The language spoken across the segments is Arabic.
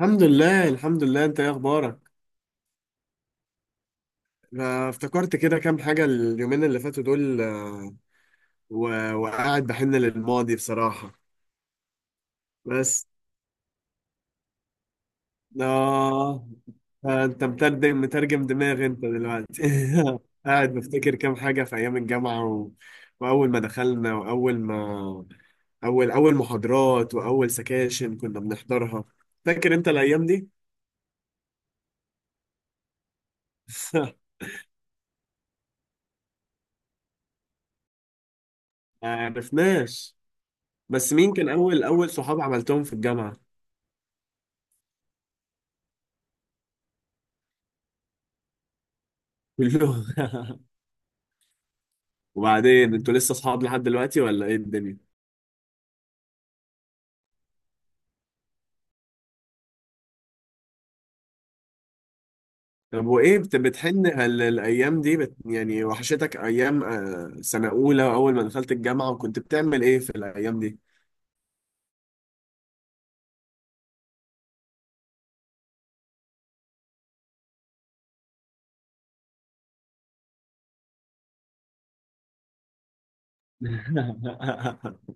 الحمد لله الحمد لله، انت ايه اخبارك؟ أنا افتكرت كده كام حاجة اليومين اللي فاتوا دول، وقاعد بحن للماضي بصراحة. بس آه آه، انت مترجم مترجم دماغي انت دلوقتي. قاعد بفتكر كام حاجة في ايام الجامعة واول ما دخلنا واول ما اول اول محاضرات واول سكاشن كنا بنحضرها. فاكر انت الايام دي؟ ما عرفناش. بس مين كان اول اول صحاب عملتهم في الجامعة؟ كله. وبعدين انتوا لسه اصحاب لحد دلوقتي ولا ايه الدنيا؟ طب وايه بتحن هل الايام دي يعني وحشتك ايام سنه اولى اول ما دخلت الجامعه؟ وكنت بتعمل ايه في الايام دي؟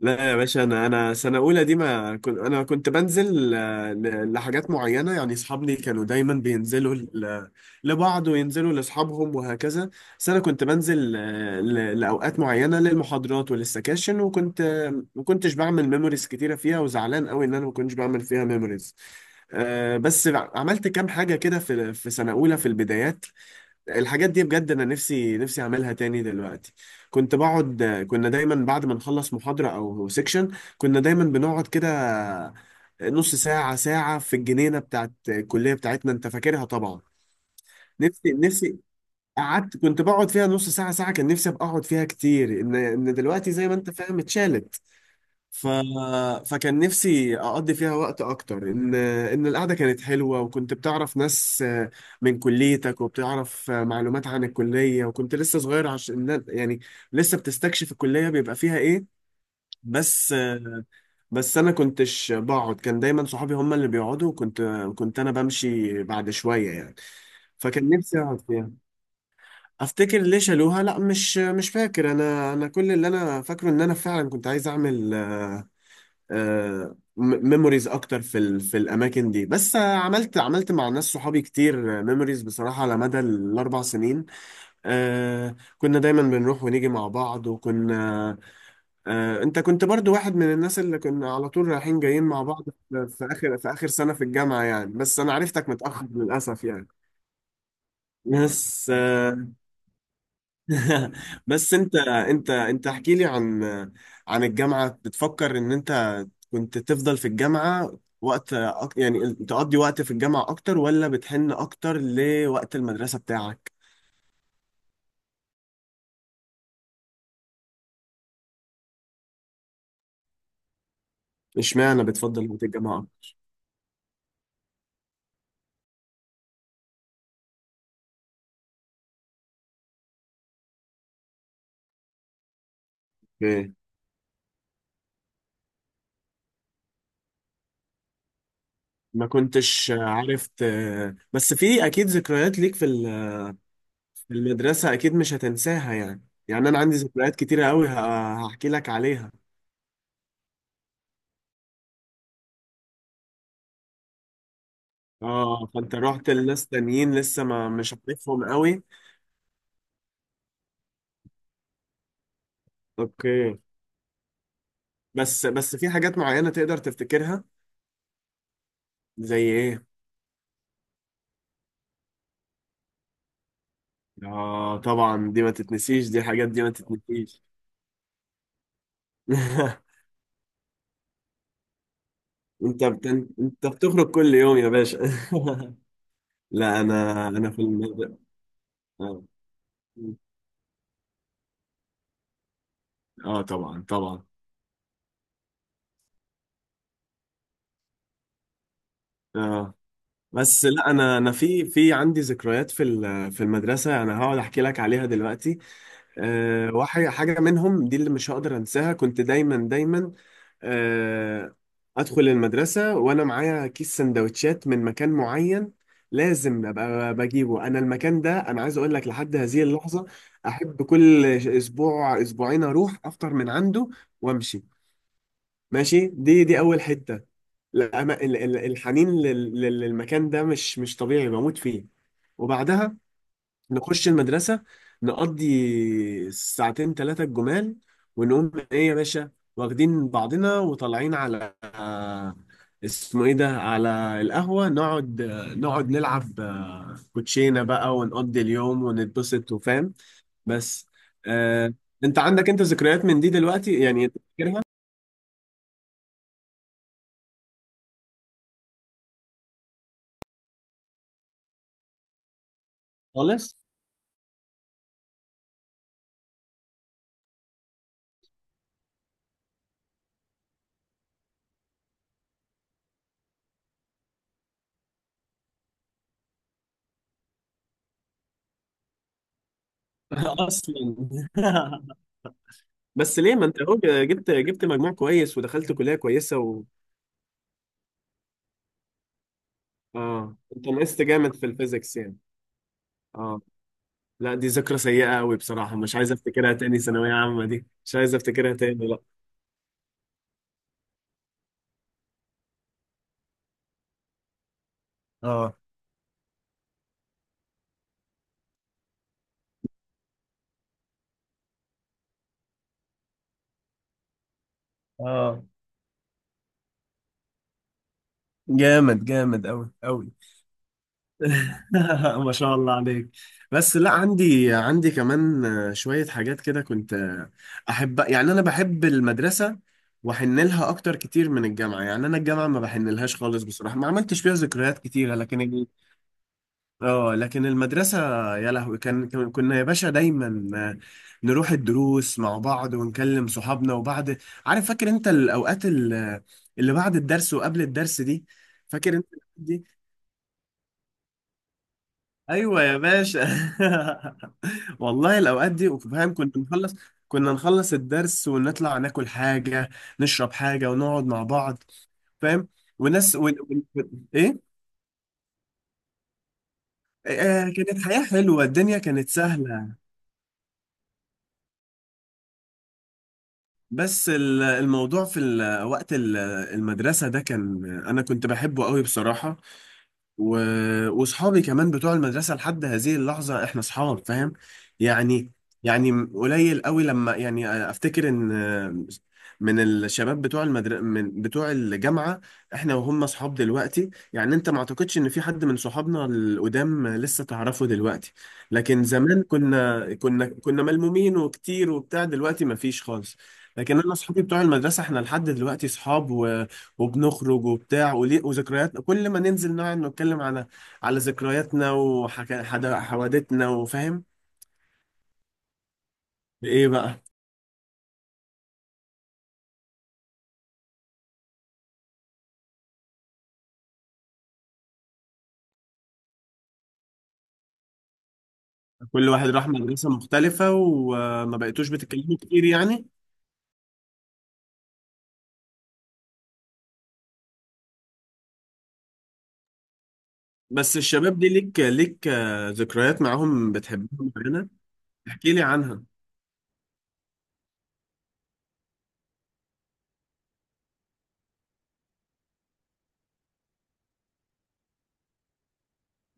لا يا باشا، انا سنه اولى دي ما كنت، انا كنت بنزل لحاجات معينه، يعني اصحابي كانوا دايما بينزلوا لبعض وينزلوا لاصحابهم وهكذا. بس انا كنت بنزل لاوقات معينه للمحاضرات وللسكاشن، وكنت ما كنتش بعمل ميموريز كتيره فيها، وزعلان قوي ان ما كنتش بعمل فيها ميموريز. آه، بس عملت كام حاجه كده في سنه اولى في البدايات. الحاجات دي بجد انا نفسي نفسي اعملها تاني دلوقتي. كنت بقعد. كنا دايما بعد ما نخلص محاضرة او سيكشن، كنا دايما بنقعد كده نص ساعة ساعة في الجنينة بتاعت الكلية بتاعتنا. انت فاكرها طبعا. نفسي نفسي. قعدت، كنت بقعد فيها نص ساعة ساعة، كان نفسي ابقى اقعد فيها كتير، ان دلوقتي زي ما انت فاهم اتشالت. ف... فكان نفسي اقضي فيها وقت اكتر، ان القعده كانت حلوه، وكنت بتعرف ناس من كليتك وبتعرف معلومات عن الكليه، وكنت لسه صغير، عشان يعني لسه بتستكشف الكليه بيبقى فيها ايه. بس بس انا كنتش بقعد، كان دايما صحابي هم اللي بيقعدوا، وكنت كنت انا بمشي بعد شويه يعني. فكان نفسي اقعد فيها. افتكر ليه شالوها؟ لا مش فاكر، انا كل اللي انا فاكره ان انا فعلا كنت عايز اعمل ميموريز اكتر في الاماكن دي، بس عملت مع ناس صحابي كتير ميموريز بصراحه على مدى الاربع سنين. كنا دايما بنروح ونيجي مع بعض، وكنا انت كنت برضو واحد من الناس اللي كنا على طول رايحين جايين مع بعض في اخر سنه في الجامعه يعني، بس انا عرفتك متاخر للاسف يعني. بس آه، بس انت احكي لي عن عن الجامعة. بتفكر ان انت كنت تفضل في الجامعة وقت، يعني تقضي وقت في الجامعة اكتر، ولا بتحن اكتر لوقت المدرسة بتاعك؟ اشمعنى بتفضل وقت الجامعة؟ ايه؟ ما كنتش عارف بس في اكيد ذكريات ليك في المدرسة اكيد مش هتنساها، يعني يعني انا عندي ذكريات كتيرة قوي هحكي لك عليها. اه فانت رحت لناس تانيين لسه ما مش عارفهم قوي. اوكي. بس في حاجات معينة تقدر تفتكرها. زي ايه؟ اه طبعا دي ما تتنسيش، دي حاجات دي ما تتنسيش. انت بت... انت بتخرج كل يوم يا باشا. لا انا، انا في المدرسة. اه. آه، طبعا طبعا. اه بس لا انا، انا في عندي ذكريات في المدرسة انا هقعد احكي لك عليها دلوقتي. أه واحد حاجة منهم دي اللي مش هقدر انساها. كنت دايما دايما آه، ادخل المدرسه وانا معايا كيس سندوتشات من مكان معين لازم ابقى بجيبه انا. المكان ده انا عايز اقول لك لحد هذه اللحظه احب كل اسبوع اسبوعين اروح افطر من عنده وامشي. ماشي، دي اول حته. لا أما- ال- ال- الحنين للمكان ده مش طبيعي، بموت فيه. وبعدها نخش المدرسة، نقضي ساعتين ثلاثة الجمال، ونقوم ايه يا باشا واخدين بعضنا وطالعين على اسمه ايه ده، على القهوة، نقعد نقعد نلعب كوتشينة بقى، ونقضي اليوم ونتبسط وفاهم. بس آه، انت عندك انت ذكريات من دي دلوقتي يعني؟ فاكرها؟ خالص. اصلا. بس ليه ما انت اهو، جبت مجموع كويس ودخلت كلية كويسة اه انت نقصت جامد في الفيزيكس يعني. اه. لا دي ذكرى سيئة قوي بصراحة، مش عايز افتكرها تاني. ثانوية عامة دي مش عايز افتكرها تاني لا. اه. اه. جامد جامد قوي قوي. ما شاء الله عليك. بس لا عندي عندي كمان شوية حاجات كده كنت أحب. يعني أنا بحب المدرسة وأحن لها أكتر كتير من الجامعة. يعني أنا الجامعة ما بحن لهاش خالص بصراحة، ما عملتش فيها ذكريات كتيرة، لكن اه لكن المدرسة، يا لهوي، كنا يا باشا دايما آه، نروح الدروس مع بعض ونكلم صحابنا وبعد. عارف فاكر انت الأوقات اللي بعد الدرس وقبل الدرس دي؟ فاكر انت الأوقات دي؟ ايوه يا باشا. والله الأوقات دي فاهم، كنا نخلص الدرس ونطلع ناكل حاجة نشرب حاجة ونقعد مع بعض، فاهم، وناس ايه. آه. آه، كانت حياة حلوة، الدنيا كانت سهلة. بس الموضوع في المدرسة ده كان أنا كنت بحبه قوي بصراحة. و... وصحابي كمان بتوع المدرسة لحد هذه اللحظة احنا صحاب فاهم يعني. يعني قليل قوي لما يعني افتكر ان من الشباب من بتوع الجامعة احنا وهم صحاب دلوقتي، يعني انت ما اعتقدش ان في حد من صحابنا القدام لسه تعرفه دلوقتي. لكن زمان كنا ملمومين وكتير وبتاع، دلوقتي ما فيش خالص. لكن انا اصحابي بتوع المدرسه احنا لحد دلوقتي صحاب وبنخرج وبتاع وليه، وذكرياتنا كل ما ننزل نقعد نتكلم على على ذكرياتنا وحوادثنا وفاهم. ايه بقى؟ كل واحد راح مدرسه مختلفه وما بقيتوش بتتكلموا كتير يعني. بس الشباب دي ليك ذكريات معاهم بتحبهم معانا. احكي لي عنها.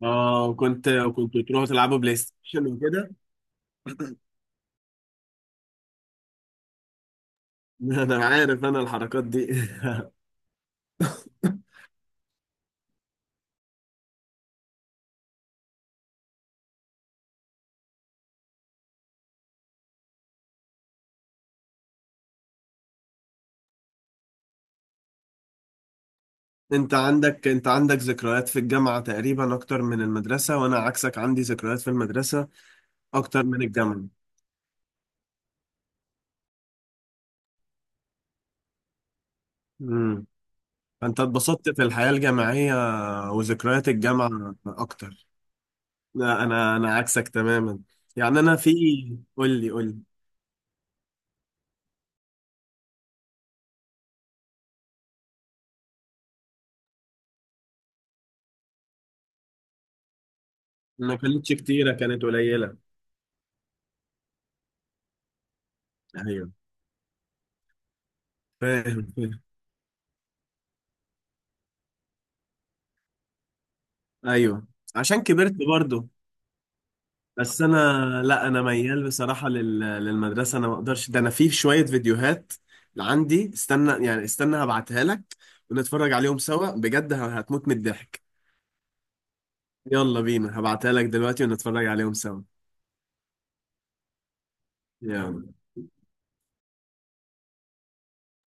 اه كنت كنت تروحوا تلعبوا بلاي ستيشن وكده. انا عارف انا الحركات دي. انت عندك ذكريات في الجامعة تقريبا اكتر من المدرسة، وانا عكسك عندي ذكريات في المدرسة اكتر من الجامعة. امم. فانت اتبسطت في الحياة الجامعية، وذكريات الجامعة اكتر. لا انا عكسك تماما. يعني انا في. قول لي قول لي. ما كانتش كتيرة، كانت قليلة. ايوه. فاهم فاهم. ايوه عشان كبرت برضو. بس انا، لا انا ميال بصراحه للمدرسه، انا ما اقدرش ده. انا في شويه فيديوهات عندي، استنى يعني استنى هبعتها لك ونتفرج عليهم سوا، بجد هتموت من الضحك. يلا بينا هبعتها لك دلوقتي ونتفرج عليهم سوا. يلا.